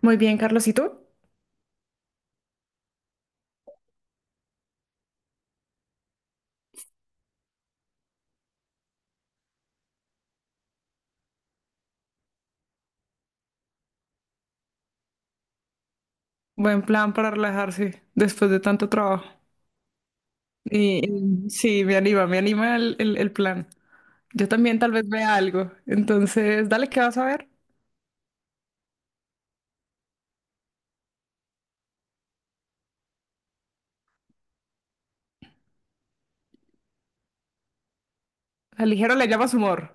Muy bien, Carlos, ¿y tú? Buen plan para relajarse después de tanto trabajo. Y, y sí, me anima el plan. Yo también tal vez vea algo. Entonces, dale, ¿qué vas a ver? Al ligero le llamas humor.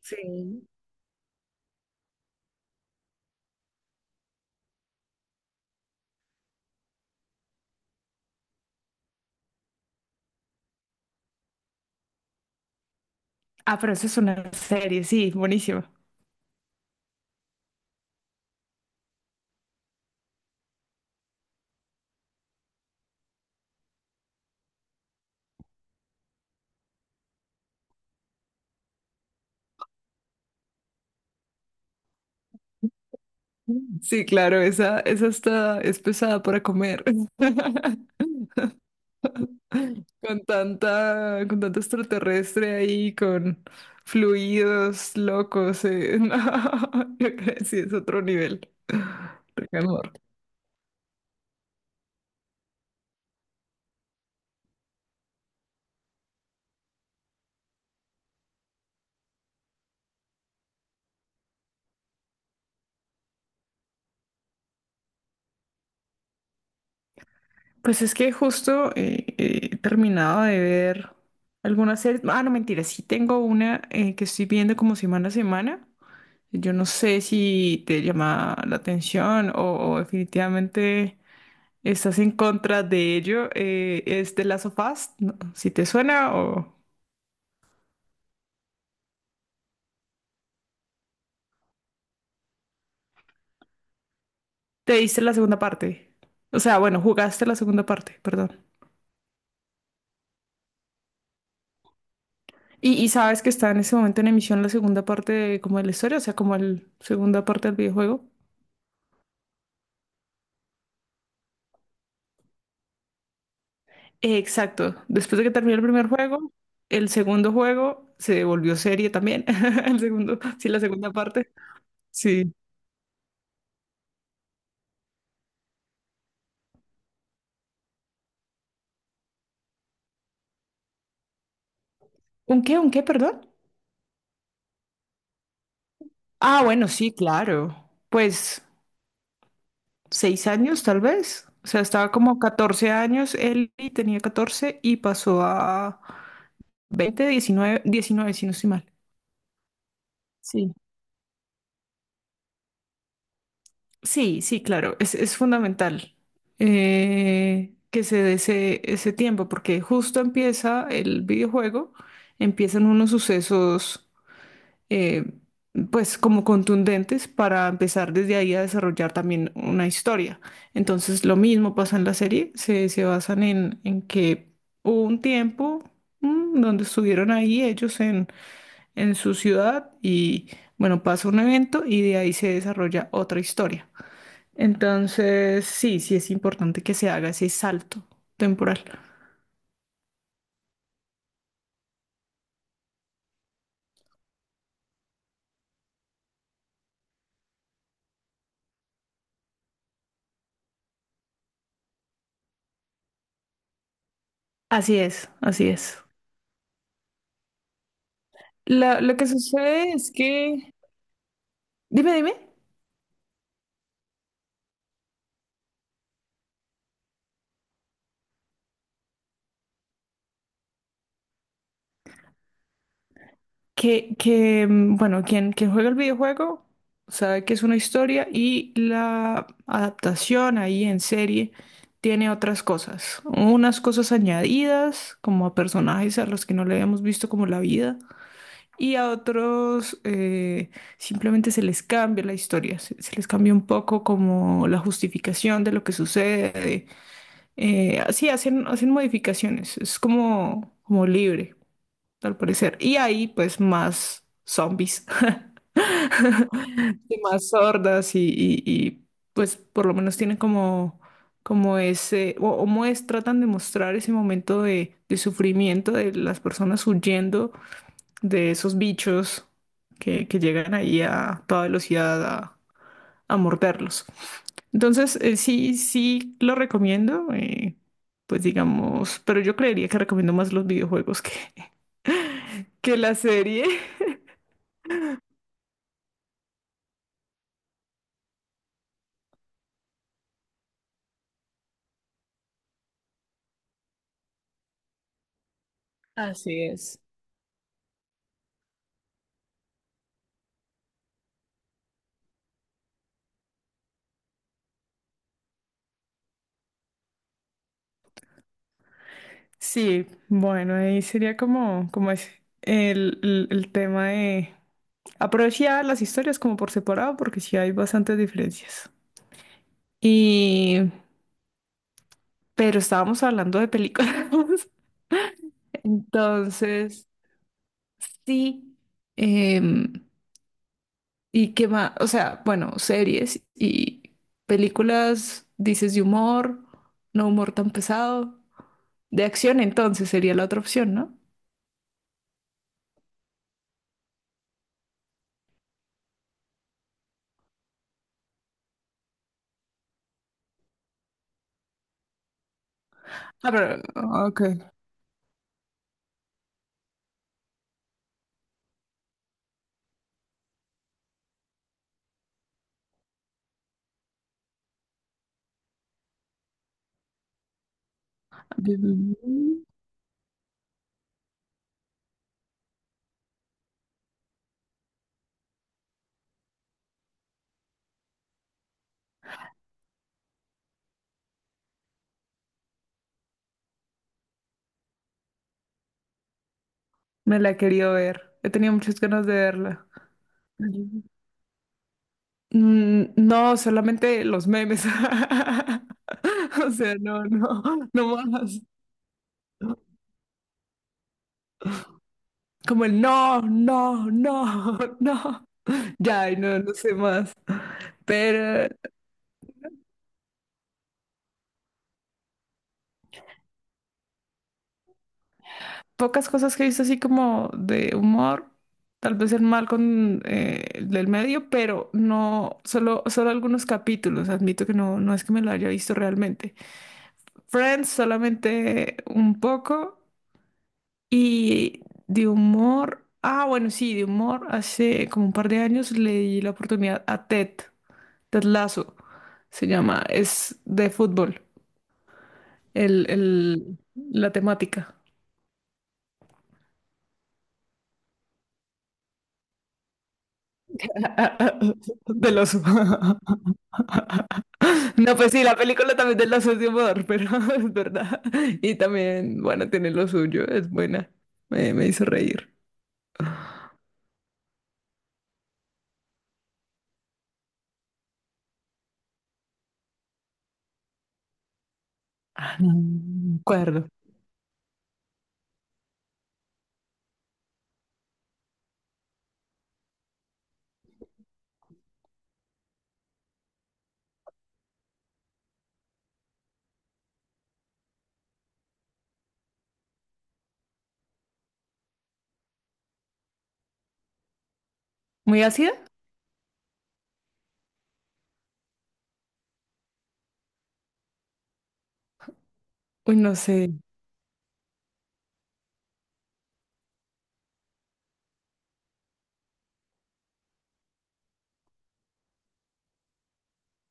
Sí. Ah, pero eso es una serie, sí, buenísima. Sí, claro, esa está, es pesada para comer. Con tanto extraterrestre ahí, con fluidos locos, no, yo creo que sí es otro nivel. Rick and Morty. Pues es que justo he terminado de ver algunas series. Ah, no, mentira, sí tengo una que estoy viendo como semana a semana. Yo no sé si te llama la atención o definitivamente estás en contra de ello. Es The Last of Us, ¿no? Si te suena o... Te diste la segunda parte. O sea, bueno, jugaste la segunda parte, perdón. Y sabes que está en ese momento en emisión la segunda parte de, como de la historia, o sea, como la segunda parte del videojuego. Exacto. Después de que terminó el primer juego, el segundo juego se volvió serie también. El segundo, sí, la segunda parte. Sí. ¿Un qué? ¿Un qué? Perdón. Ah, bueno, sí, claro. Pues seis años tal vez. O sea, estaba como 14 años él y tenía 14 y pasó a 20 diecinueve si no estoy mal. Sí. Sí, sí, claro, es fundamental, que se dé ese tiempo, porque justo empieza el videojuego, empiezan unos sucesos, eh, pues como contundentes para empezar desde ahí a desarrollar también una historia. Entonces lo mismo pasa en la serie, se basan en que hubo un tiempo, donde estuvieron ahí ellos en su ciudad y bueno, pasa un evento y de ahí se desarrolla otra historia. Entonces, sí, sí es importante que se haga ese salto temporal. Así es, así es. Lo que sucede es que, dime, dime, que, bueno, quien juega el videojuego sabe que es una historia y la adaptación ahí en serie tiene otras cosas, unas cosas añadidas como a personajes a los que no le habíamos visto como la vida. Y a otros, simplemente se les cambia la historia, se les cambia un poco como la justificación de lo que sucede. Así hacen modificaciones, es como libre, al parecer. Y ahí pues más zombies, y más sordas y, pues por lo menos tienen como ese, o tratan de mostrar ese momento de sufrimiento de las personas huyendo de esos bichos que llegan ahí a toda velocidad a morderlos. Entonces, sí, sí lo recomiendo, pues digamos, pero yo creería que recomiendo más los videojuegos que, que la serie. Así es. Sí, bueno, ahí sería como es el tema de aprovechar las historias como por separado, porque sí hay bastantes diferencias. Y, pero estábamos hablando de películas. Entonces, sí. em, ¿Y qué más? O sea, bueno, series y películas, dices de humor, no humor tan pesado. De acción, entonces sería la otra opción, ¿no? Ah, pero, ok. Me la he querido ver. He tenido muchas ganas de verla. Mm, no, solamente los memes. O sea, no, no, no más. Como el no, no, no, no. Ya, ay, no, no sé más. Pero pocas cosas que he visto así como de humor, tal vez el mal con, el del medio, pero no, solo algunos capítulos, admito que no, no es que me lo haya visto realmente. Friends solamente un poco y de humor, ah, bueno, sí, de humor, hace como un par de años le di la oportunidad a Ted, Ted Lasso, se llama, es de fútbol, el, el, la temática. Ah, del oso. No, pues sí, la película también del oso es de humor, pero es verdad. Y también, bueno, tiene lo suyo, es buena. Me hizo reír. Ah, no, no me acuerdo. ¿Muy ácida? Uy, no sé.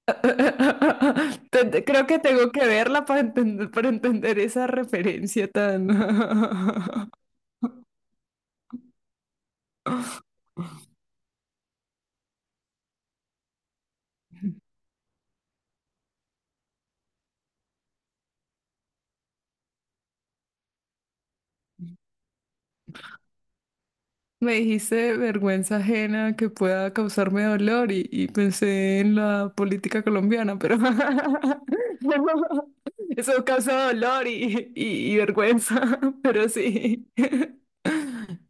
Creo que tengo que verla para entender esa referencia tan... Me dijiste vergüenza ajena que pueda causarme dolor y pensé en la política colombiana, pero eso causa dolor y, y vergüenza, pero sí.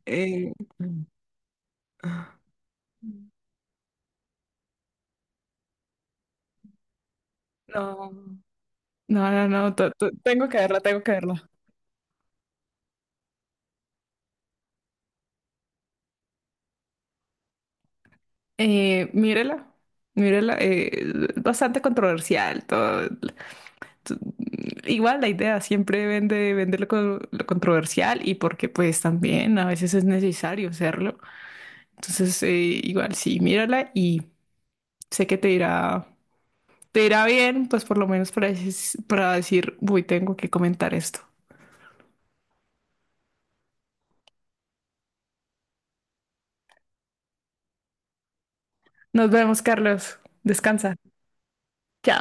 Eh, no, no, no, no, tengo que verla, tengo que verla. Mírela, mírela, bastante controversial todo, t- Igual la idea siempre vender lo, lo controversial y porque pues también a veces es necesario hacerlo. Entonces, igual sí, mírala y sé que te irá bien, pues por lo menos para, para decir, uy, tengo que comentar esto. Nos vemos, Carlos. Descansa. Chao.